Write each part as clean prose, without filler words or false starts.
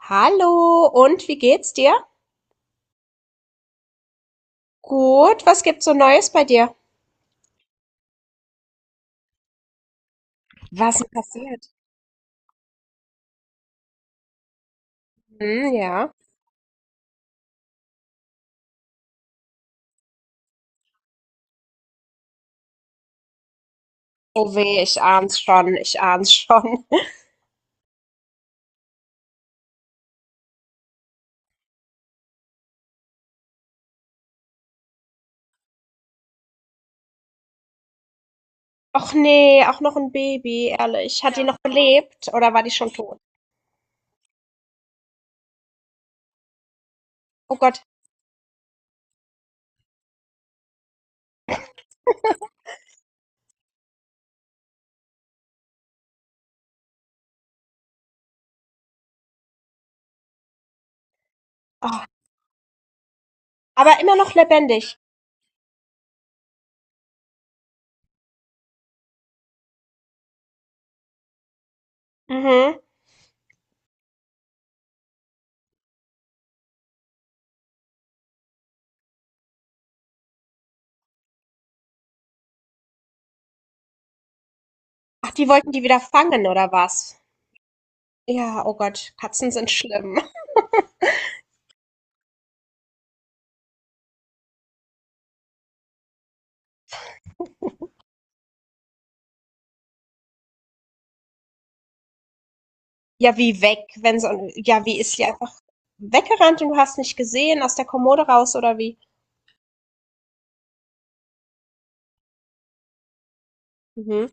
Hallo, und wie geht's dir? Gut, was gibt's so Neues bei dir? Was denn passiert? Ja. Oh weh, ich ahn's schon. Och nee, auch noch ein Baby, ehrlich. Hat die noch gelebt oder war die schon tot? Oh Gott. Oh, aber immer noch lebendig. Mhm. Ach, die wollten die wieder fangen oder was? Ja, oh Gott, Katzen sind schlimm. Ja, wie weg, wenn so, ein- ja, wie ist die einfach weggerannt und du hast nicht gesehen, aus der Kommode raus oder wie? Mhm.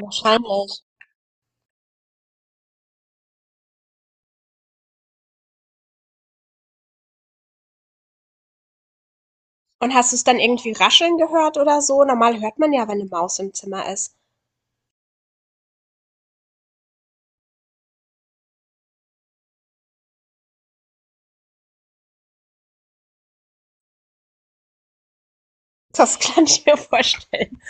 Wahrscheinlich. Und hast du es dann irgendwie rascheln gehört oder so? Normal hört man ja, wenn eine Maus im Zimmer ist. Das kann ich mir vorstellen.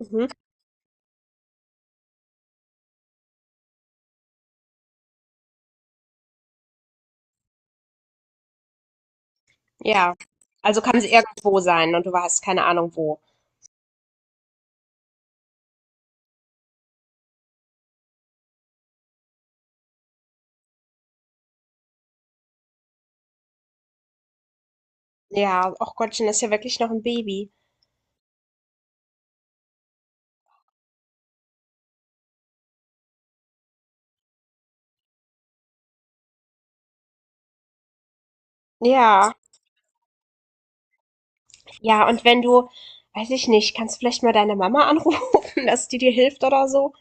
Mhm. Ja. Also kann sie irgendwo sein und du hast keine Ahnung wo. Ja, ach Gottchen, das ist ja wirklich noch ein Baby. Ja. Ja, und wenn du weiß ich nicht, kannst vielleicht mal deine Mama anrufen, dass die dir hilft oder so?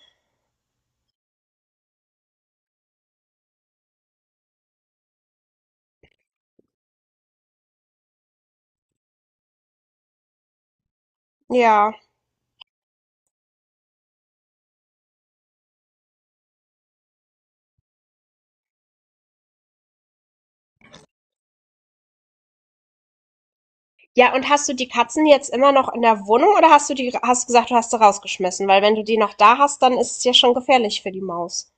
Ja. Ja, und hast du die Katzen jetzt immer noch in der Wohnung oder hast gesagt, du hast sie rausgeschmissen? Weil wenn du die noch da hast, dann ist es ja schon gefährlich für die Maus.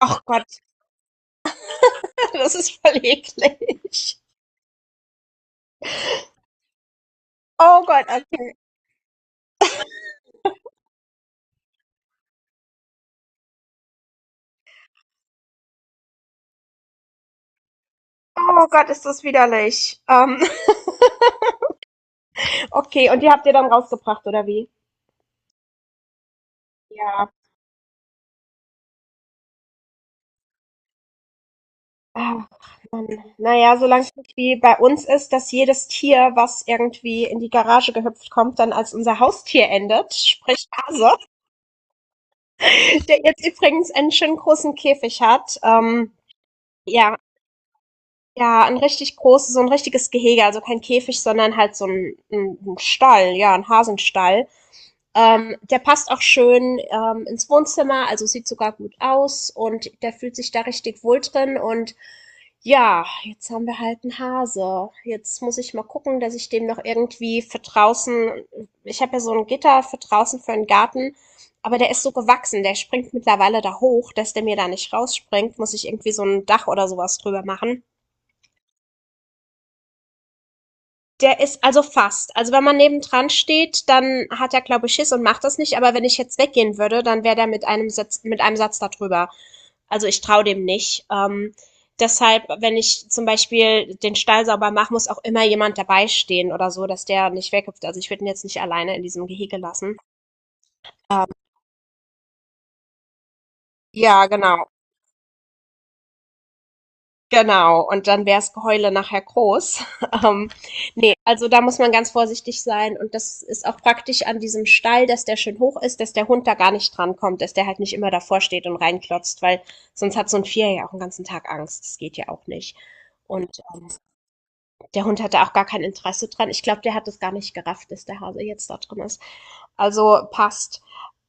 Ach Gott. Das ist voll eklig. Oh Gott, okay. Oh Gott, ist das widerlich. Okay, und die habt ihr dann rausgebracht, oder wie? Ja. Ach, Mann. Naja, solange es nicht wie bei uns ist, dass jedes Tier, was irgendwie in die Garage gehüpft kommt, dann als unser Haustier endet, sprich Hase, der jetzt übrigens einen schönen großen Käfig hat. Ja, Ja, ein richtig großes, so ein richtiges Gehege, also kein Käfig, sondern halt so ein 'n 'n Stall, ja, ein Hasenstall. Der passt auch schön, ins Wohnzimmer, also sieht sogar gut aus und der fühlt sich da richtig wohl drin und ja, jetzt haben wir halt einen Hase. Jetzt muss ich mal gucken, dass ich dem noch irgendwie für draußen Ich habe ja so ein Gitter für draußen für den Garten, aber der ist so gewachsen, der springt mittlerweile da hoch, dass der mir da nicht rausspringt, muss ich irgendwie so ein Dach oder sowas drüber machen. Der ist also fast. Also wenn man nebendran steht, dann hat er, glaube ich, Schiss und macht das nicht. Aber wenn ich jetzt weggehen würde, dann wäre der mit einem Satz da drüber. Also ich traue dem nicht. Deshalb, wenn ich zum Beispiel den Stall sauber mache, muss auch immer jemand dabei stehen oder so, dass der nicht weghüpft. Also ich würde ihn jetzt nicht alleine in diesem Gehege lassen. Ähm, ja, genau. Genau, und dann wär's Geheule nachher groß. Ähm, ne, also da muss man ganz vorsichtig sein und das ist auch praktisch an diesem Stall, dass der schön hoch ist, dass der Hund da gar nicht dran kommt, dass der halt nicht immer davor steht und reinklotzt, weil sonst hat so ein Vierer ja auch 'n ganzen Tag Angst. Das geht ja auch nicht. Und der Hund hatte auch gar kein Interesse dran. Ich glaube, der hat es gar nicht gerafft, dass der Hase jetzt da drin ist. Also passt.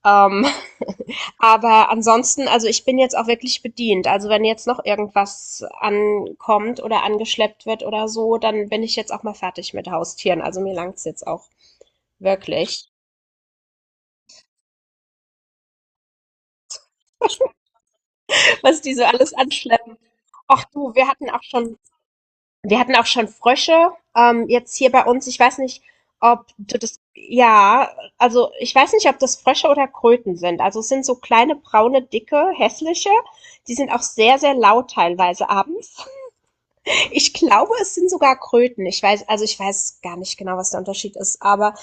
Ähm, aber ansonsten, also ich bin jetzt auch wirklich bedient. Also wenn jetzt noch irgendwas ankommt oder angeschleppt wird oder so, dann bin ich jetzt auch mal fertig mit Haustieren. Also mir langt's jetzt auch wirklich, was die so alles anschleppen. Ach du, wir hatten auch schon Wir hatten auch schon Frösche, jetzt hier bei uns. Ich weiß nicht, ob du das, ja, Also ich weiß nicht, ob das Frösche oder Kröten sind. Also es sind so kleine, braune, dicke, hässliche. Die sind auch sehr, sehr laut teilweise abends. Ich glaube, es sind sogar Kröten. Also ich weiß gar nicht genau, was der Unterschied ist, aber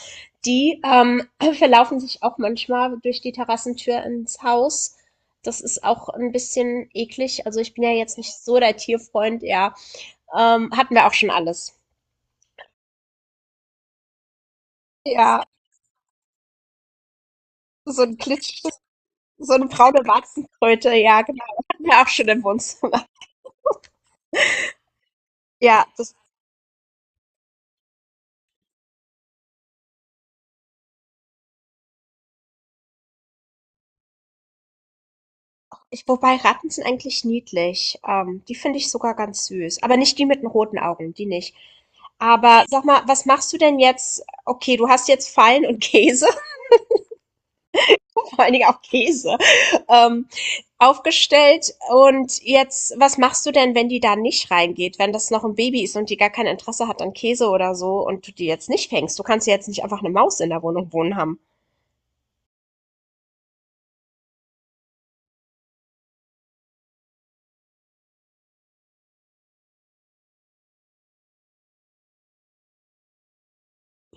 die verlaufen sich auch manchmal durch die Terrassentür ins Haus. Das ist auch ein bisschen eklig. Also ich bin ja jetzt nicht so der Tierfreund, ja. Hatten wir auch schon alles. Ja, so ein glitschig, so eine braune Warzenkröte, ja genau. Hatten wir auch schon im Wohnzimmer. Ja, das Ich, wobei, Ratten sind eigentlich niedlich. Die finde ich sogar ganz süß, aber nicht die mit den roten Augen, die nicht. Aber sag mal, was machst du denn jetzt? Okay, du hast jetzt Fallen und Käse. Vor allen Dingen auch Käse, ähm, aufgestellt. Und jetzt, was machst du denn, wenn die da nicht reingeht, wenn das noch ein Baby ist und die gar kein Interesse hat an Käse oder so und du die jetzt nicht fängst? Du kannst ja jetzt nicht einfach eine Maus in der Wohnung wohnen haben.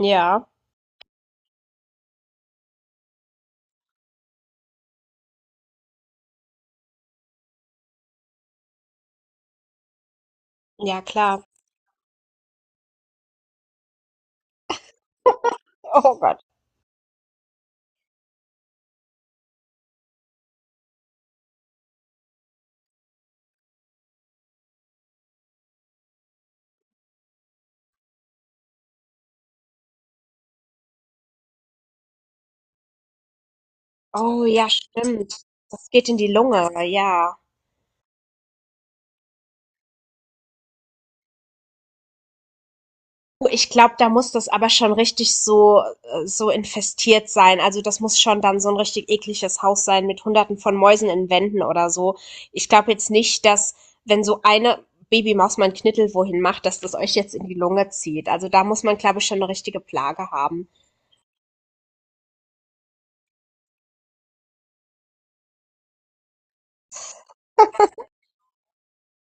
Ja, ja, klar. Oh Gott. Oh ja, stimmt. Das geht in die Lunge, ja. Oh, ich glaube, da muss das aber schon richtig so so infestiert sein. Also, das muss schon dann so ein richtig ekliges Haus sein mit Hunderten von Mäusen in Wänden oder so. Ich glaube jetzt nicht, dass, wenn so eine Babymaus mal 'n Knittel wohin macht, dass das euch jetzt in die Lunge zieht. Also, da muss man, glaube ich, schon eine richtige Plage haben.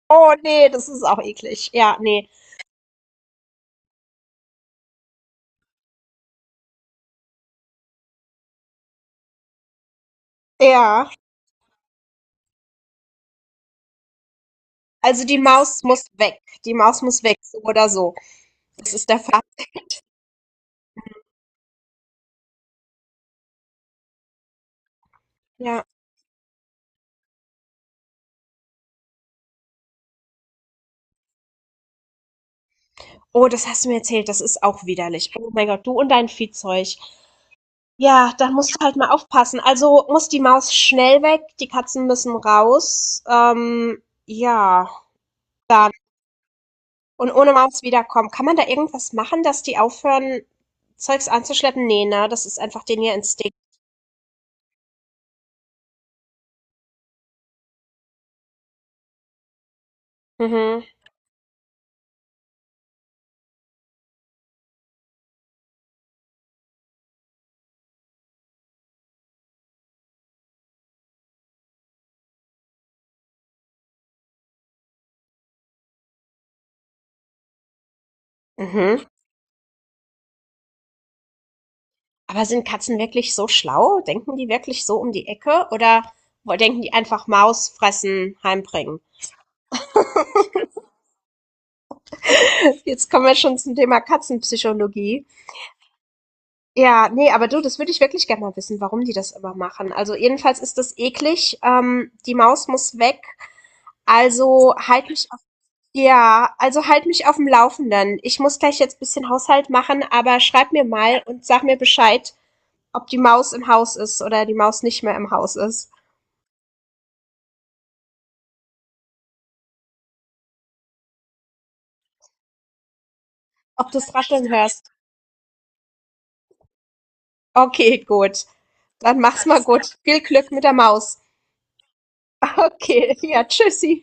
Oh nee, das ist auch eklig. Ja, nee, ja. Also, die Maus muss weg. Die Maus muss weg, so oder so. Das ist der Fazit. Ja. Oh, das hast du mir erzählt, das ist auch widerlich. Oh mein Gott, du und dein Viehzeug. Ja, dann musst du halt mal aufpassen. Also muss die Maus schnell weg, die Katzen müssen raus. Ja, dann. Und ohne Maus wiederkommen. Kann man da irgendwas machen, dass die aufhören, Zeugs anzuschleppen? Nee, ne? Das ist einfach denen ihr Instinkt. Mhm. Mhm. Aber sind Katzen wirklich so schlau? Denken die wirklich so um die Ecke? Oder denken die einfach Maus fressen, heimbringen? Jetzt kommen wir schon zum Thema Katzenpsychologie. Ja, ne, aber du, das würde ich wirklich gerne mal wissen, warum die das immer machen. Also jedenfalls ist das eklig. Die Maus muss weg. Also halt mich auf, ja, also halt mich auf dem Laufenden. Ich muss gleich jetzt ein bisschen Haushalt machen, aber schreib mir mal und sag mir Bescheid, ob die Maus im Haus ist oder die Maus nicht mehr im Haus ist. Ob du das Rascheln hörst. Okay, gut. Dann mach's mal gut. Viel Glück mit der Maus. Okay, ja, tschüssi.